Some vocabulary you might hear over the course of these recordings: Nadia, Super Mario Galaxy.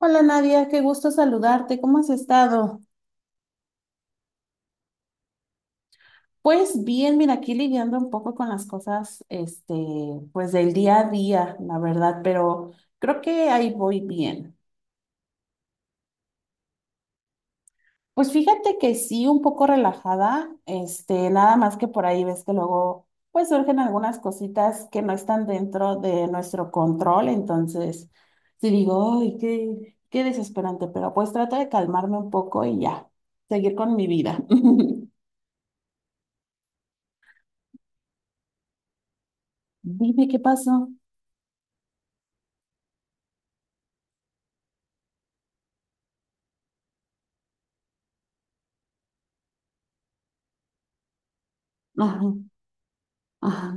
Hola Nadia, qué gusto saludarte. ¿Cómo has estado? Pues bien, mira, aquí lidiando un poco con las cosas, pues del día a día, la verdad, pero creo que ahí voy bien. Pues fíjate que sí, un poco relajada, nada más que por ahí ves que luego, pues surgen algunas cositas que no están dentro de nuestro control, entonces sí digo, ay, qué desesperante, pero pues trato de calmarme un poco y ya, seguir con mi vida. Dime qué pasó. Ajá, ajá.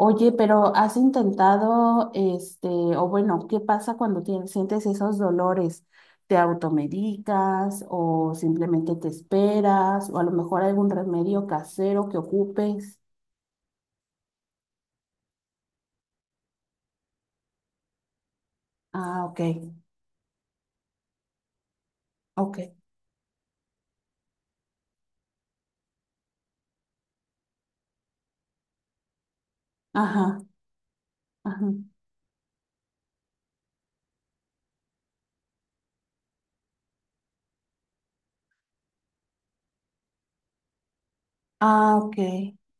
Oye, pero has intentado, o bueno, ¿qué pasa cuando sientes esos dolores? ¿Te automedicas o simplemente te esperas? ¿O a lo mejor algún remedio casero que ocupes? Ah, ok, ok. Ajá, ajá. Ah, ok.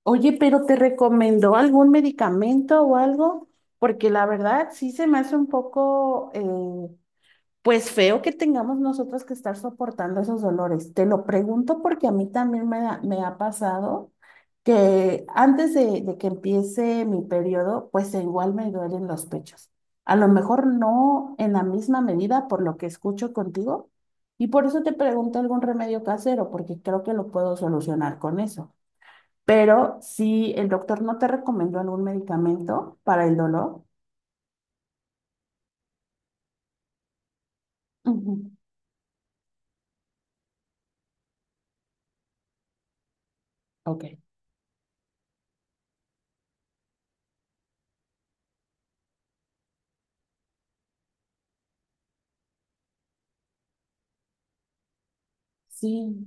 Oye, pero ¿te recomendó algún medicamento o algo? Porque la verdad sí se me hace un poco pues feo que tengamos nosotros que estar soportando esos dolores. Te lo pregunto porque a mí también me ha pasado que antes de que empiece mi periodo, pues igual me duelen los pechos. A lo mejor no en la misma medida por lo que escucho contigo y por eso te pregunto algún remedio casero, porque creo que lo puedo solucionar con eso. Pero si el doctor no te recomendó algún medicamento para el dolor, ujú, ok, sí.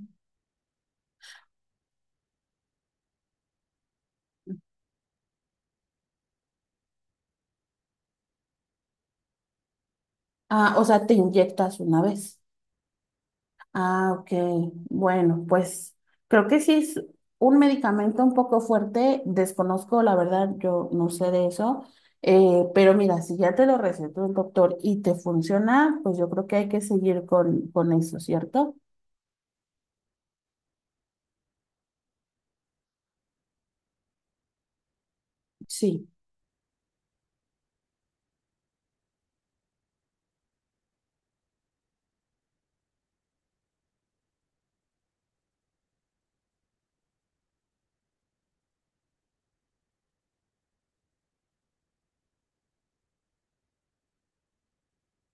Ah, o sea, te inyectas una vez. Ah, ok. Bueno, pues creo que sí es un medicamento un poco fuerte. Desconozco, la verdad, yo no sé de eso. Pero mira, si ya te lo recetó el doctor y te funciona, pues yo creo que hay que seguir con eso, ¿cierto? Sí.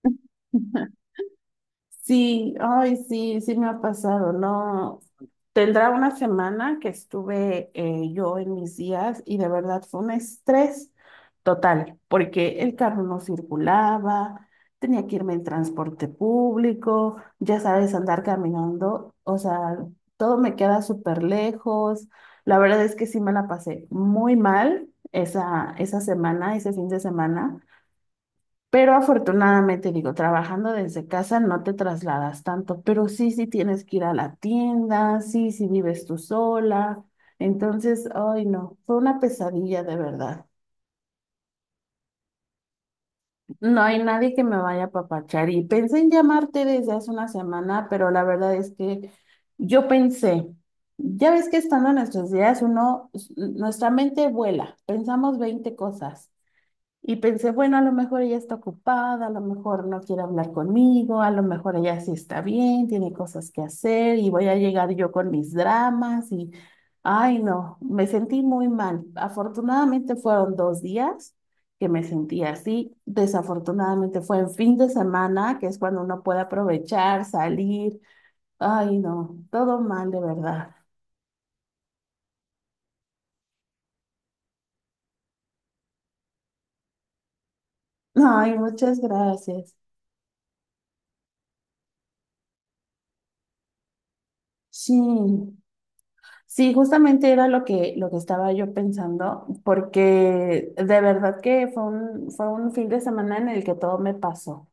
Sí, ay, sí, sí me ha pasado, ¿no? Tendrá una semana que estuve yo en mis días y de verdad fue un estrés total, porque el carro no circulaba, tenía que irme en transporte público, ya sabes, andar caminando, o sea, todo me queda súper lejos. La verdad es que sí me la pasé muy mal esa semana, ese fin de semana. Pero afortunadamente, digo, trabajando desde casa no te trasladas tanto, pero sí, sí tienes que ir a la tienda, sí, sí vives tú sola. Entonces, ay, no, fue una pesadilla de verdad. No hay nadie que me vaya a papachar y pensé en llamarte desde hace una semana, pero la verdad es que yo pensé, ya ves que estando en nuestros días uno, nuestra mente vuela, pensamos 20 cosas. Y pensé, bueno, a lo mejor ella está ocupada, a lo mejor no quiere hablar conmigo, a lo mejor ella sí está bien, tiene cosas que hacer y voy a llegar yo con mis dramas y, ay, no, me sentí muy mal. Afortunadamente fueron 2 días que me sentí así. Desafortunadamente fue en fin de semana, que es cuando uno puede aprovechar, salir. Ay, no, todo mal de verdad. Ay, muchas gracias. Sí. Sí, justamente era lo que estaba yo pensando, porque de verdad que fue un fin de semana en el que todo me pasó.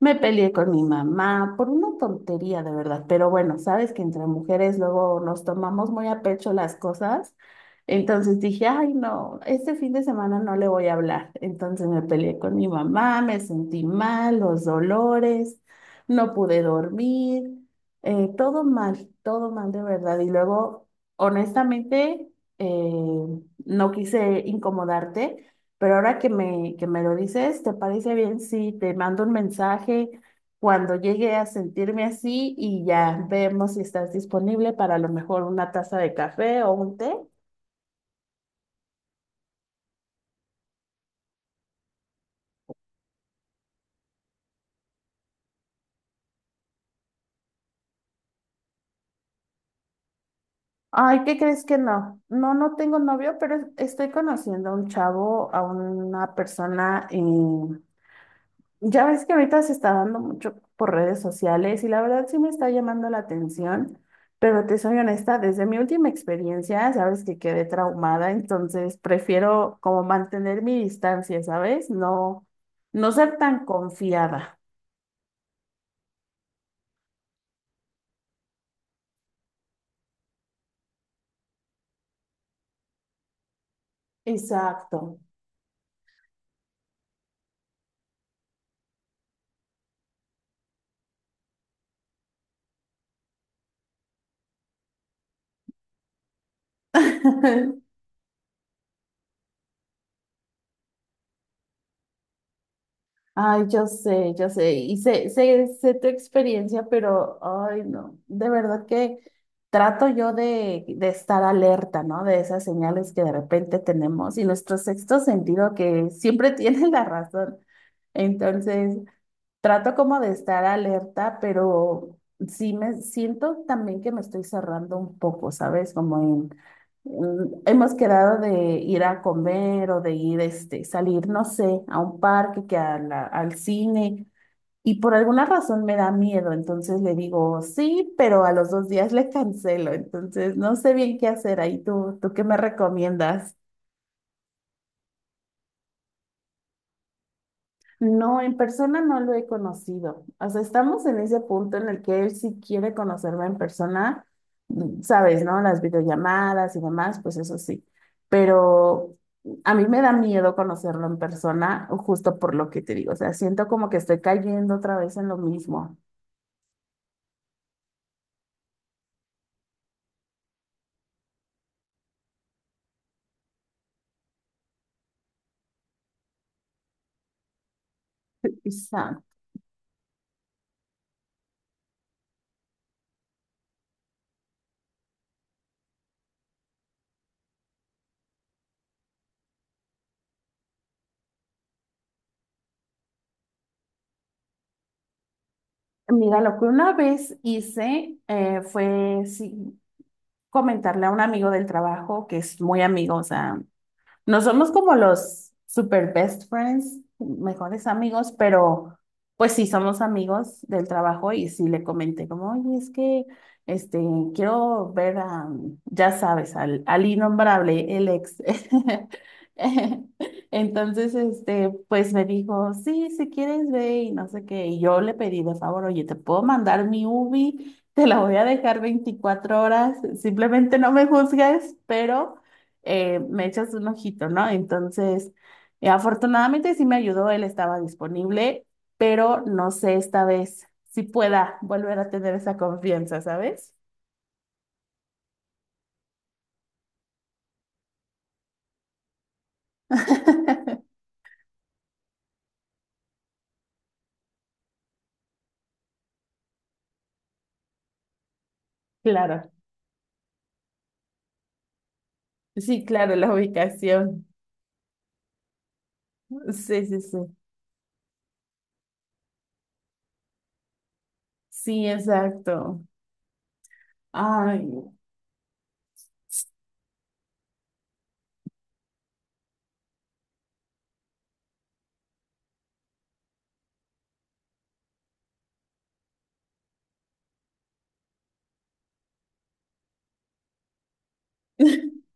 Me peleé con mi mamá por una tontería, de verdad. Pero bueno, sabes que entre mujeres luego nos tomamos muy a pecho las cosas. Entonces dije, ay, no, este fin de semana no le voy a hablar. Entonces me peleé con mi mamá, me sentí mal, los dolores, no pude dormir, todo mal de verdad. Y luego, honestamente, eh, no quise incomodarte. Pero ahora que me lo dices, ¿te parece bien si te mando un mensaje cuando llegue a sentirme así y ya vemos si estás disponible para a lo mejor una taza de café o un té? Ay, ¿qué crees que no? No, no tengo novio, pero estoy conociendo a un chavo, a una persona, ya ves que ahorita se está dando mucho por redes sociales y la verdad sí me está llamando la atención, pero te soy honesta, desde mi última experiencia, sabes que quedé traumada, entonces prefiero como mantener mi distancia, ¿sabes? No, no ser tan confiada. Exacto. Ay, yo sé, y sé, sé, sé tu experiencia, pero, ay, no, de verdad que trato yo de estar alerta, ¿no? De esas señales que de repente tenemos y nuestro sexto sentido que siempre tiene la razón. Entonces, trato como de estar alerta, pero sí me siento también que me estoy cerrando un poco, ¿sabes? Como en, hemos quedado de ir a comer o de ir, salir, no sé, a un parque, que al cine, y por alguna razón me da miedo, entonces le digo sí, pero a los 2 días le cancelo, entonces no sé bien qué hacer ahí. ¿Tú qué me recomiendas? No, en persona no lo he conocido. O sea, estamos en ese punto en el que él sí quiere conocerme en persona, mm, sabes, ¿no? Las videollamadas y demás, pues eso sí. Pero a mí me da miedo conocerlo en persona, justo por lo que te digo. O sea, siento como que estoy cayendo otra vez en lo mismo. Exacto. Mira, lo que una vez hice fue sí, comentarle a un amigo del trabajo, que es muy amigo, o sea, no somos como los super best friends, mejores amigos, pero pues sí somos amigos del trabajo y sí le comenté como, oye, es que este, quiero ver a, ya sabes, al innombrable, el ex. Entonces, pues me dijo, sí, si quieres ve y no sé qué. Y yo le pedí de favor, oye, ¿te puedo mandar mi Ubi? Te la voy a dejar 24 horas, simplemente no me juzgues, pero me echas un ojito, ¿no? Entonces, afortunadamente sí me ayudó, él estaba disponible, pero no sé esta vez si pueda volver a tener esa confianza, ¿sabes? Claro, sí, claro, la ubicación. Sí, sí, sí. Sí, exacto. Ay,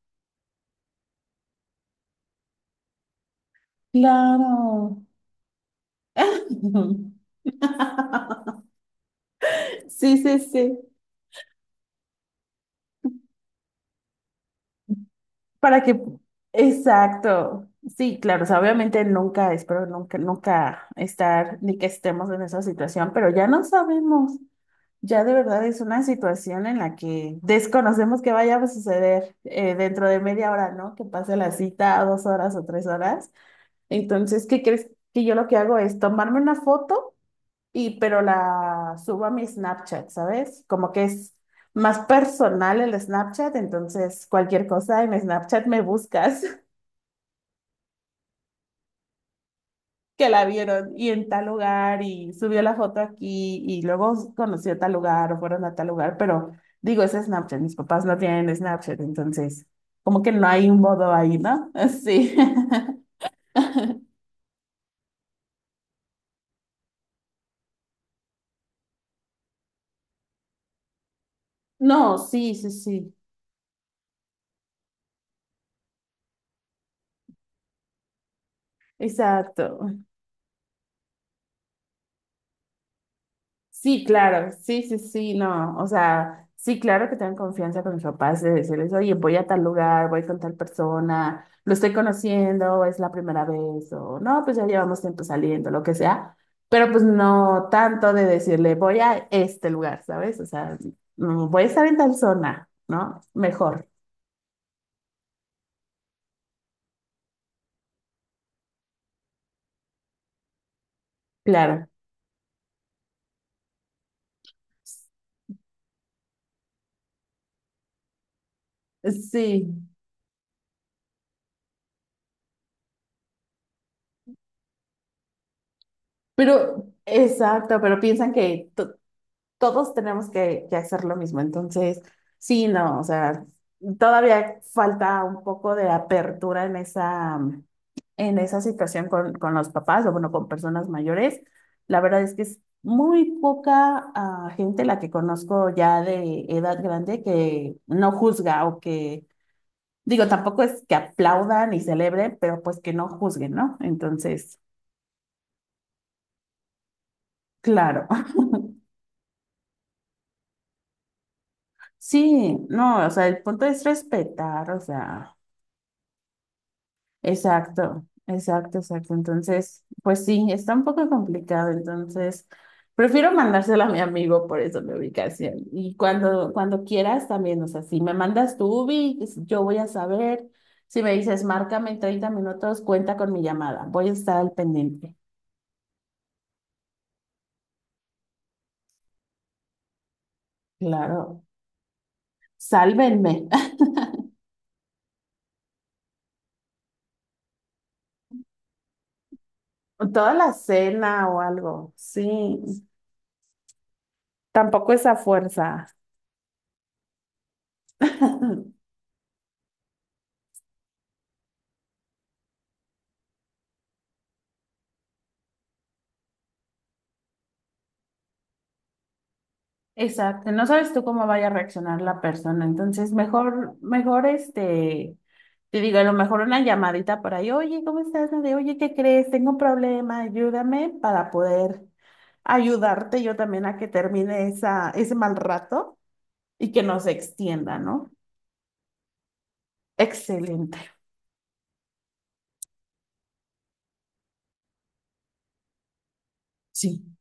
claro. Sí, sí, sí. Para que, exacto. Sí, claro, o sea, obviamente nunca, espero nunca, nunca estar ni que estemos en esa situación, pero ya no sabemos. Ya de verdad es una situación en la que desconocemos que vaya a suceder dentro de media hora, ¿no? Que pase la cita a 2 horas o 3 horas. Entonces, ¿qué crees que yo lo que hago es tomarme una foto y pero la subo a mi Snapchat, ¿sabes? Como que es más personal el Snapchat, entonces cualquier cosa en Snapchat me buscas. Que la vieron y en tal lugar y subió la foto aquí y luego conoció tal lugar o fueron a tal lugar, pero digo, es Snapchat, mis papás no tienen Snapchat, entonces como que no hay un modo ahí, ¿no? Sí. No, sí, sí, sí. Exacto. Sí, claro, sí, sí, sí, no, o sea, sí, claro que tengan confianza con mis papás de decirles, oye, voy a tal lugar, voy con tal persona, lo estoy conociendo, es la primera vez, o no, pues ya llevamos tiempo saliendo, lo que sea, pero pues no tanto de decirle, voy a este lugar, ¿sabes? O sea, mm, voy a estar en tal zona, ¿no? Mejor, claro, sí, pero, exacto, pero piensan que todos tenemos que hacer lo mismo. Entonces, sí, no, o sea, todavía falta un poco de apertura en esa situación con los papás o, bueno, con personas mayores. La verdad es que es muy poca gente la que conozco ya de edad grande que no juzga o que, digo, tampoco es que aplaudan y celebren, pero pues que no juzguen, ¿no? Entonces, claro, sí, no, o sea, el punto es respetar, o sea, exacto, exacto, exacto. Entonces, pues sí, está un poco complicado. Entonces, prefiero mandárselo a mi amigo por eso mi ubicación. Y cuando quieras también, o sea, si me mandas tu ubi, yo voy a saber. Si me dices, márcame en 30 minutos, cuenta con mi llamada. Voy a estar al pendiente. Claro, sálvenme. Toda la cena o algo. Sí, tampoco esa fuerza. Exacto, no sabes tú cómo vaya a reaccionar la persona, entonces mejor, mejor te digo, a lo mejor una llamadita por ahí, oye, ¿cómo estás? ¿No? De, oye, ¿qué crees? Tengo un problema, ayúdame para poder ayudarte yo también a que termine esa, ese mal rato y que no se extienda, ¿no? Excelente. Sí.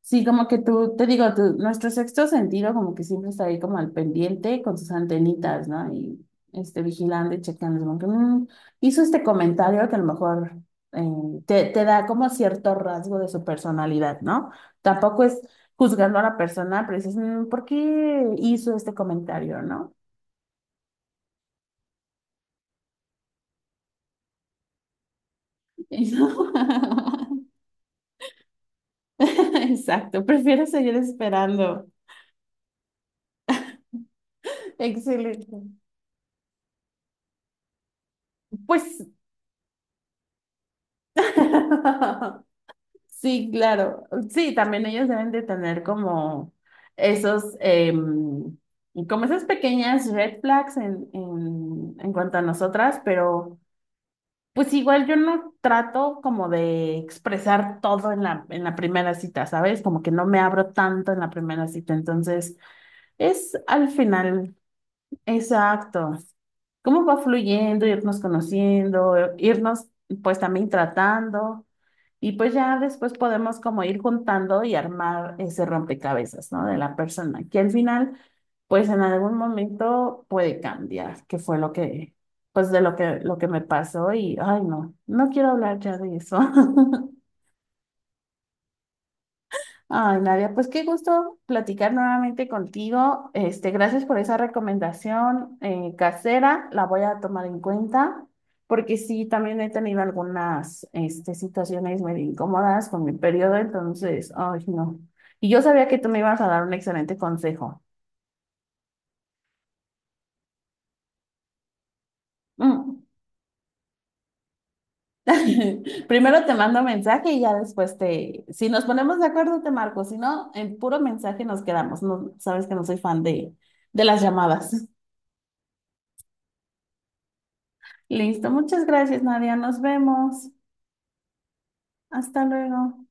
Sí, como que tú, te digo, nuestro sexto sentido como que siempre está ahí como al pendiente con sus antenitas, ¿no? Y vigilando y checando, como que, "Mm, hizo este comentario que a lo mejor te da como cierto rasgo de su personalidad, ¿no? Tampoco es juzgando a la persona, pero dices, "Mm, ¿por qué hizo este comentario?", ¿no? Exacto, prefiero seguir esperando. Excelente. Pues... Sí, claro. Sí, también ellos deben de tener como esos, como esas pequeñas red flags en cuanto a nosotras, pero pues igual yo no trato como de expresar todo en la primera cita, ¿sabes? Como que no me abro tanto en la primera cita, entonces es al final. Exacto. ¿Cómo va fluyendo, irnos conociendo, irnos pues también tratando? Y pues ya después podemos como ir juntando y armar ese rompecabezas, ¿no? De la persona, que al final, pues en algún momento puede cambiar, que fue lo que, pues de lo que me pasó y, ay, no, no quiero hablar ya de eso. Ay, Nadia, pues qué gusto platicar nuevamente contigo. Gracias por esa recomendación casera, la voy a tomar en cuenta, porque sí, también he tenido algunas situaciones medio incómodas con mi periodo, entonces, ay, no. Y yo sabía que tú me ibas a dar un excelente consejo. Mm. Primero te mando mensaje y ya después te, si nos ponemos de acuerdo, te marco, si no, en puro mensaje nos quedamos. No, sabes que no soy fan de las llamadas. Listo, muchas gracias, Nadia. Nos vemos. Hasta luego.